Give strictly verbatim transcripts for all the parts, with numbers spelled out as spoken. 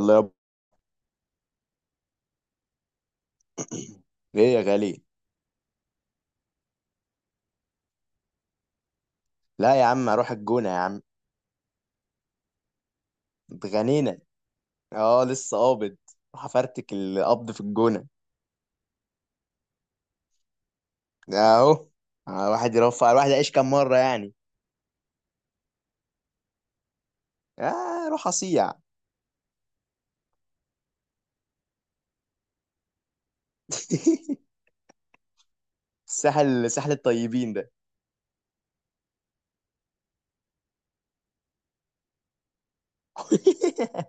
الله يابا. ايه يا غالي. لا يا عم، اروح الجونه يا عم. اتغنينا. اه لسه قابض. راح افرتك القبض في الجونه. اهو. آه، واحد يرفع، الواحد يعيش كام مره يعني. اه، روح اصيع. الساحل، ساحل الطيبين ده.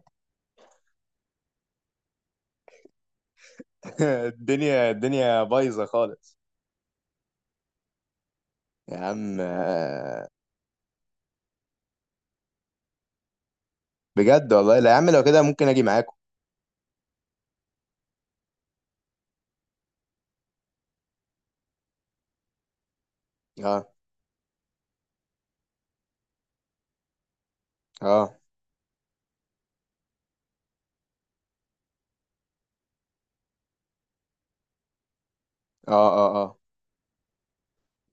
الدنيا الدنيا بايظه خالص. يا عم. آه، بجد والله، لا يا عم لو كده ممكن اجي معاكم. اه اه اه. اه اه.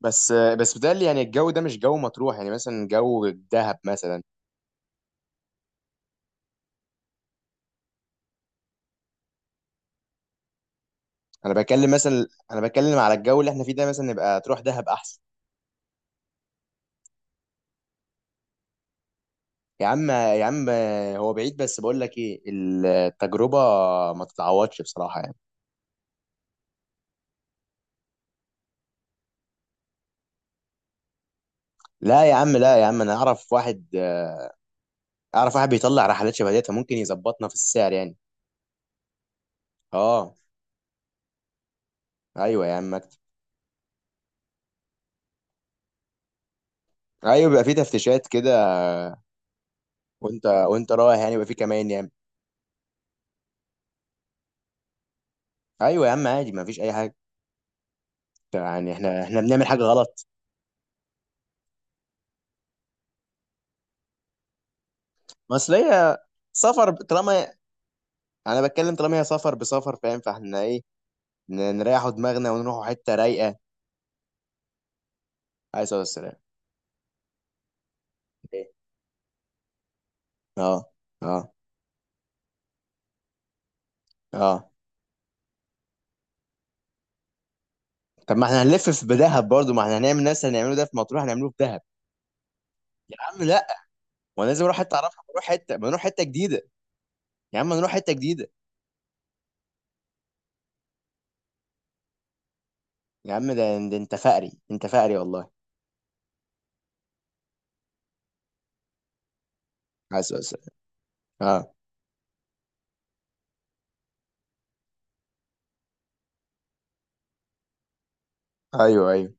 بس بس بتهيألي يعني الجو ده مش جو مطروح، يعني مثلا جو الدهب مثلا. انا بتكلم مثلا انا بتكلم على الجو اللي احنا فيه ده، مثلا نبقى تروح دهب احسن. يا عم يا عم، هو بعيد بس بقول لك ايه، التجربه ما تتعوضش بصراحه يعني. لا يا عم، لا يا عم، انا اعرف واحد. اعرف واحد بيطلع رحلات شبه ديت، ممكن يظبطنا في السعر يعني. اه. ايوه يا عم اكتب. ايوه، بيبقى في تفتيشات كده. وانت وانت رايح يعني بيبقى في كمان يعني. ايوه يا عم عادي، ما فيش اي حاجه. يعني احنا احنا بنعمل حاجه غلط؟ مصريه. سفر طالما. انا بتكلم طالما هي سفر بسفر، فاهم؟ فاحنا ايه، ن- نريحوا دماغنا ونروحوا حتة رايقة. عليه الصلاة والسلام. إيه. اه اه اه. طب ما احنا هنلف في دهب برضو، ما احنا هنعمل نفس اللي هنعمله ده في مطروح هنعمله في دهب. يا عم لا. وانا لازم اروح حته اعرفها؟ نروح حته، ما نروح حته جديده. يا عم نروح حته جديده. يا عم، ده, ده انت فقري، انت فقري والله. عايز أقول لك. اه. ايوه ايوه.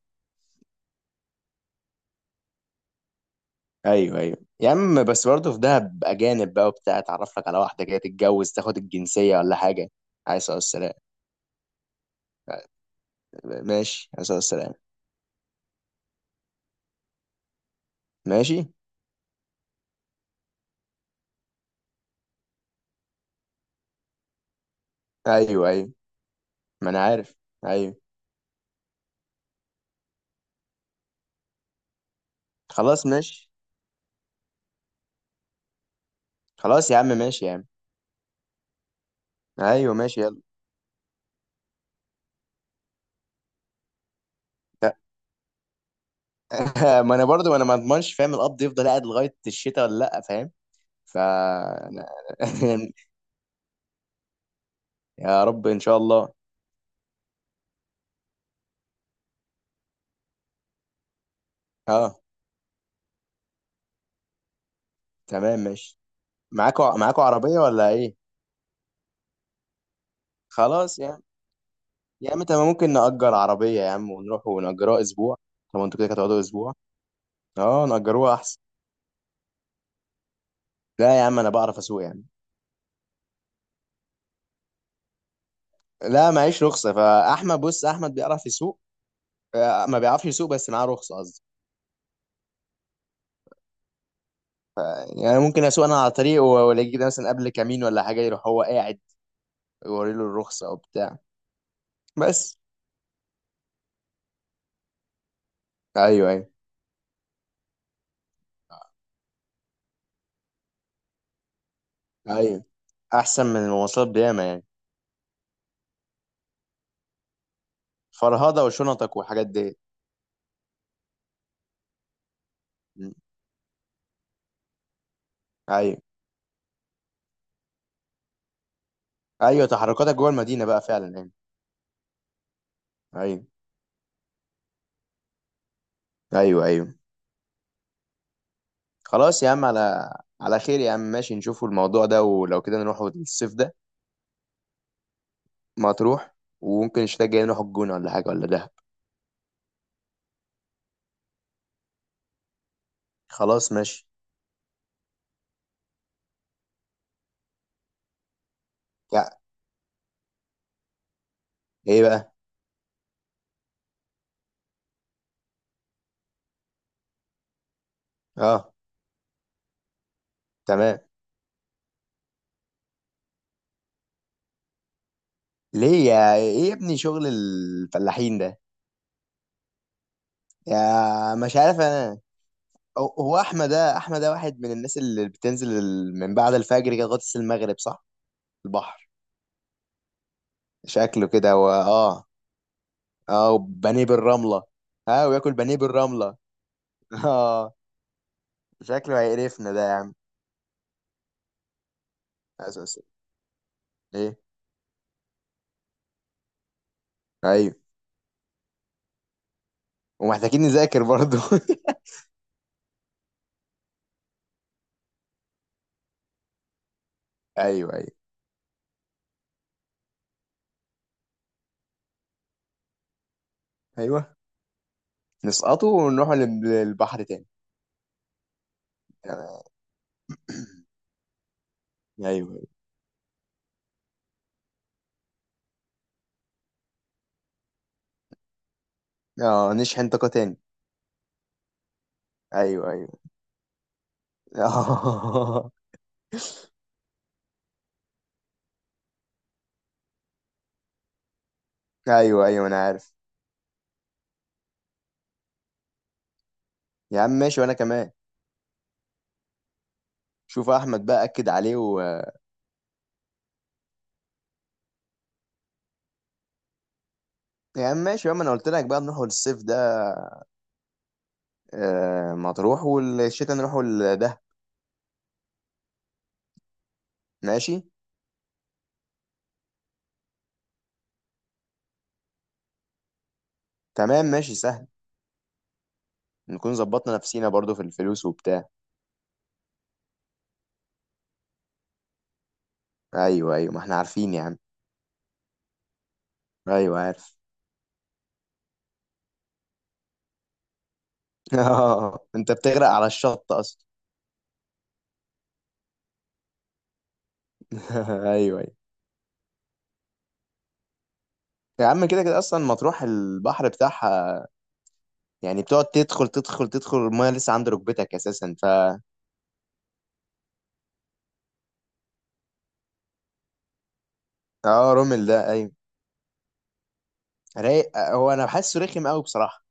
ايوه ايوه يا عم، بس برضه في دهب اجانب بقى وبتاع، اتعرف لك على واحده كده تتجوز، تاخد الجنسيه ولا حاجه. عايز السلام. ماشي، عايز السلام. ماشي. ايوه ايوه، ما انا عارف. ايوه. خلاص ماشي. خلاص يا عم ماشي يا عم. ايوه ماشي يلا. ما انا برضو ما انا ما اضمنش، فاهم؟ القبض يفضل قاعد لغايه الشتاء ولا لا، فاهم؟ ف أنا- يا رب ان شاء الله. اه. تمام ماشي. معاكوا معاكوا عربيه ولا ايه؟ خلاص يا عم. يا عم تمام، ممكن نأجر عربيه يا عم ونروح ونأجروها اسبوع. طب انتوا كده كده هتقعدوا اسبوع. اه نأجروها احسن. لا يا عم انا بعرف اسوق يا عم. لا معيش رخصه، فاحمد، بص، احمد بيعرف يسوق. آه، ما بيعرفش يسوق، بس معاه رخصه قصدي. يعني ممكن اسوق انا على طريق والاقي كده مثلا قبل كمين ولا حاجه، يروح هو قاعد يوري له الرخصه او بتاع. بس. ايوه ايوه. ايوه. احسن من المواصلات بياما يعني. فرهضه وشنطك وحاجات دي. م. ايوه ايوه، تحركاتك جوه المدينه بقى فعلا يعني. ايوه ايوه. ايوه. خلاص يا عم، على على خير يا عم ماشي، نشوفوا الموضوع ده، ولو كده نروح الصيف ده. ما تروح. وممكن الشتاء الجاي نروح الجونه ولا حاجه ولا دهب. خلاص ماشي. يا ايه بقى. اه تمام. ليه يا ايه يا ابني شغل الفلاحين ده؟ يا مش عارف انا. هو هو احمد ده، احمد ده واحد من الناس اللي بتنزل ال- من بعد الفجر كده لغايه المغرب، صح؟ البحر. شكله كده و... اه. اه وبانيه بالرمله. اه وياكل بانيه بالرمله. اه. شكله هيقرفنا ده يا عم. اساسا. ايه إيه؟ ايوه. ومحتاجين نذاكر برضو. ايوه ايوه. ايوه. نسقطه ونروح للبحر تاني. ايوه. أيوه. اه نشحن طاقه تاني. ايوه أيوه. ايوه ايوه انا عارف. يا عم ماشي وانا كمان. شوف احمد بقى اكد عليه و... يا عم ماشي يا عم، انا قلت لك بقى نروحوا للصيف ده، آه مطروح، والشتاء نروحوا لده. ماشي. تمام ماشي سهل. نكون ظبطنا نفسينا برضو في الفلوس وبتاع. ايوه ايوه ما احنا عارفين يا عم. ايوه عارف. اه انت بتغرق على الشط اصلا. ايوه ايوه. يا عم كده كده اصلا مطروح البحر بتاعها، يعني بتقعد تدخل تدخل تدخل المايه لسه عند ركبتك اساسا. ف اه رومل ده ايوه. رايق. هو انا بحسه رخم قوي بصراحه.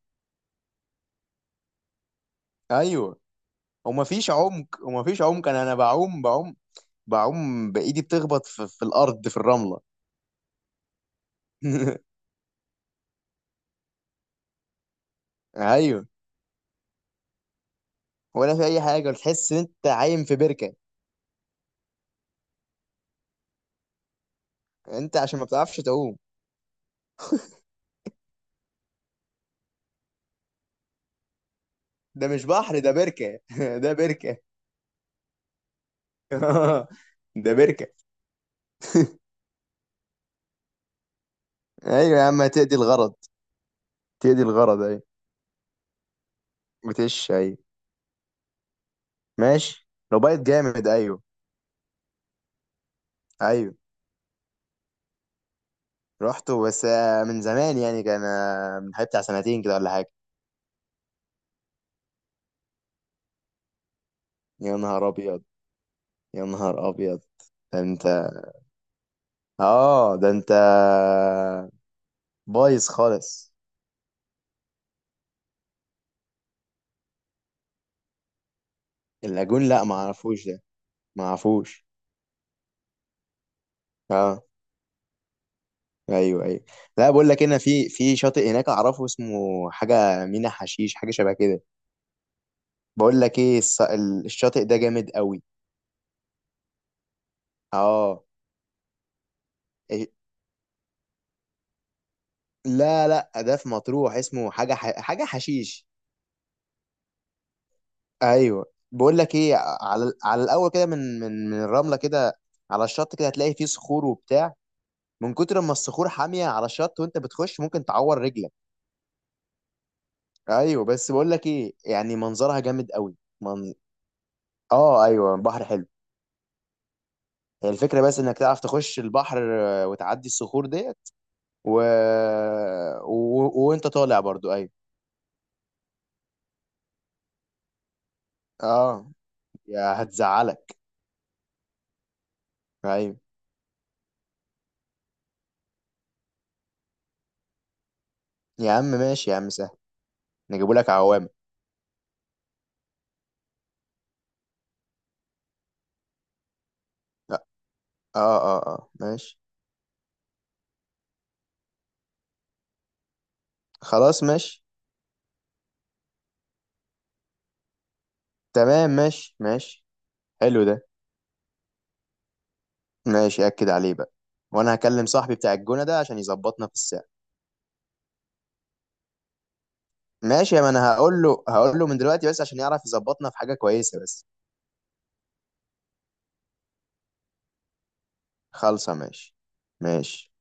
ايوه. وما فيش عمق، وما فيش عمق، انا انا بعوم، بعوم بعوم بايدي بتخبط في, في الارض في الرمله. ايوه. ولا في اي حاجه، وتحس ان انت عايم في بركه. انت عشان ما بتعرفش تعوم. ده مش بحر، ده بركه. ده بركه. ده بركه. ايوه يا عم هتقضي الغرض. تقضي الغرض ايوه. بتش ايوه. ماشي لو بايت جامد ايوه. ايوه. رحته، بس آه، من زمان يعني، كان آه، من حوالي بتاع سنتين كده ولا حاجه. يا نهار ابيض. يا نهار ابيض. ده انت. اه ده انت بايظ خالص. اللاجون؟ لا ما اعرفوش ده. ما اعرفوش. اه. ايوه ايوه. لا بقول لك، هنا في في شاطئ هناك اعرفه اسمه حاجه مينا حشيش، حاجه شبه كده. بقول لك ايه، الص- ال- الشاطئ ده جامد قوي. اه. إيه- لا لا، ده في مطروح اسمه حاجه ح... حاجه حشيش. ايوه. بقول لك ايه، على على الاول كده، من من من الرمله كده، على الشط كده هتلاقي فيه صخور وبتاع. من كتر ما الصخور حاميه على الشط وانت بتخش ممكن تعور رجلك. ايوه. بس بقول لك ايه، يعني منظرها جامد قوي. من اه ايوه بحر حلو. هي الفكره، بس انك تعرف تخش البحر آه، وتعدي الصخور ديت. و... و... وانت طالع برضو ايوه. اه. يا هتزعلك. ايوه. يا عم ماشي يا عم سهل. نجيبوا لك عوامه. اه اه اه آه، ماشي. خلاص ماشي. تمام ماشي ماشي. حلو ده. ماشي اكد عليه بقى. وانا هكلم صاحبي بتاع الجونه ده عشان يظبطنا في الساعه. ماشي ما انا هقول له هقول له من دلوقتي، بس عشان يعرف يظبطنا في حاجة كويسة بس. خالصة ماشي. ماشي.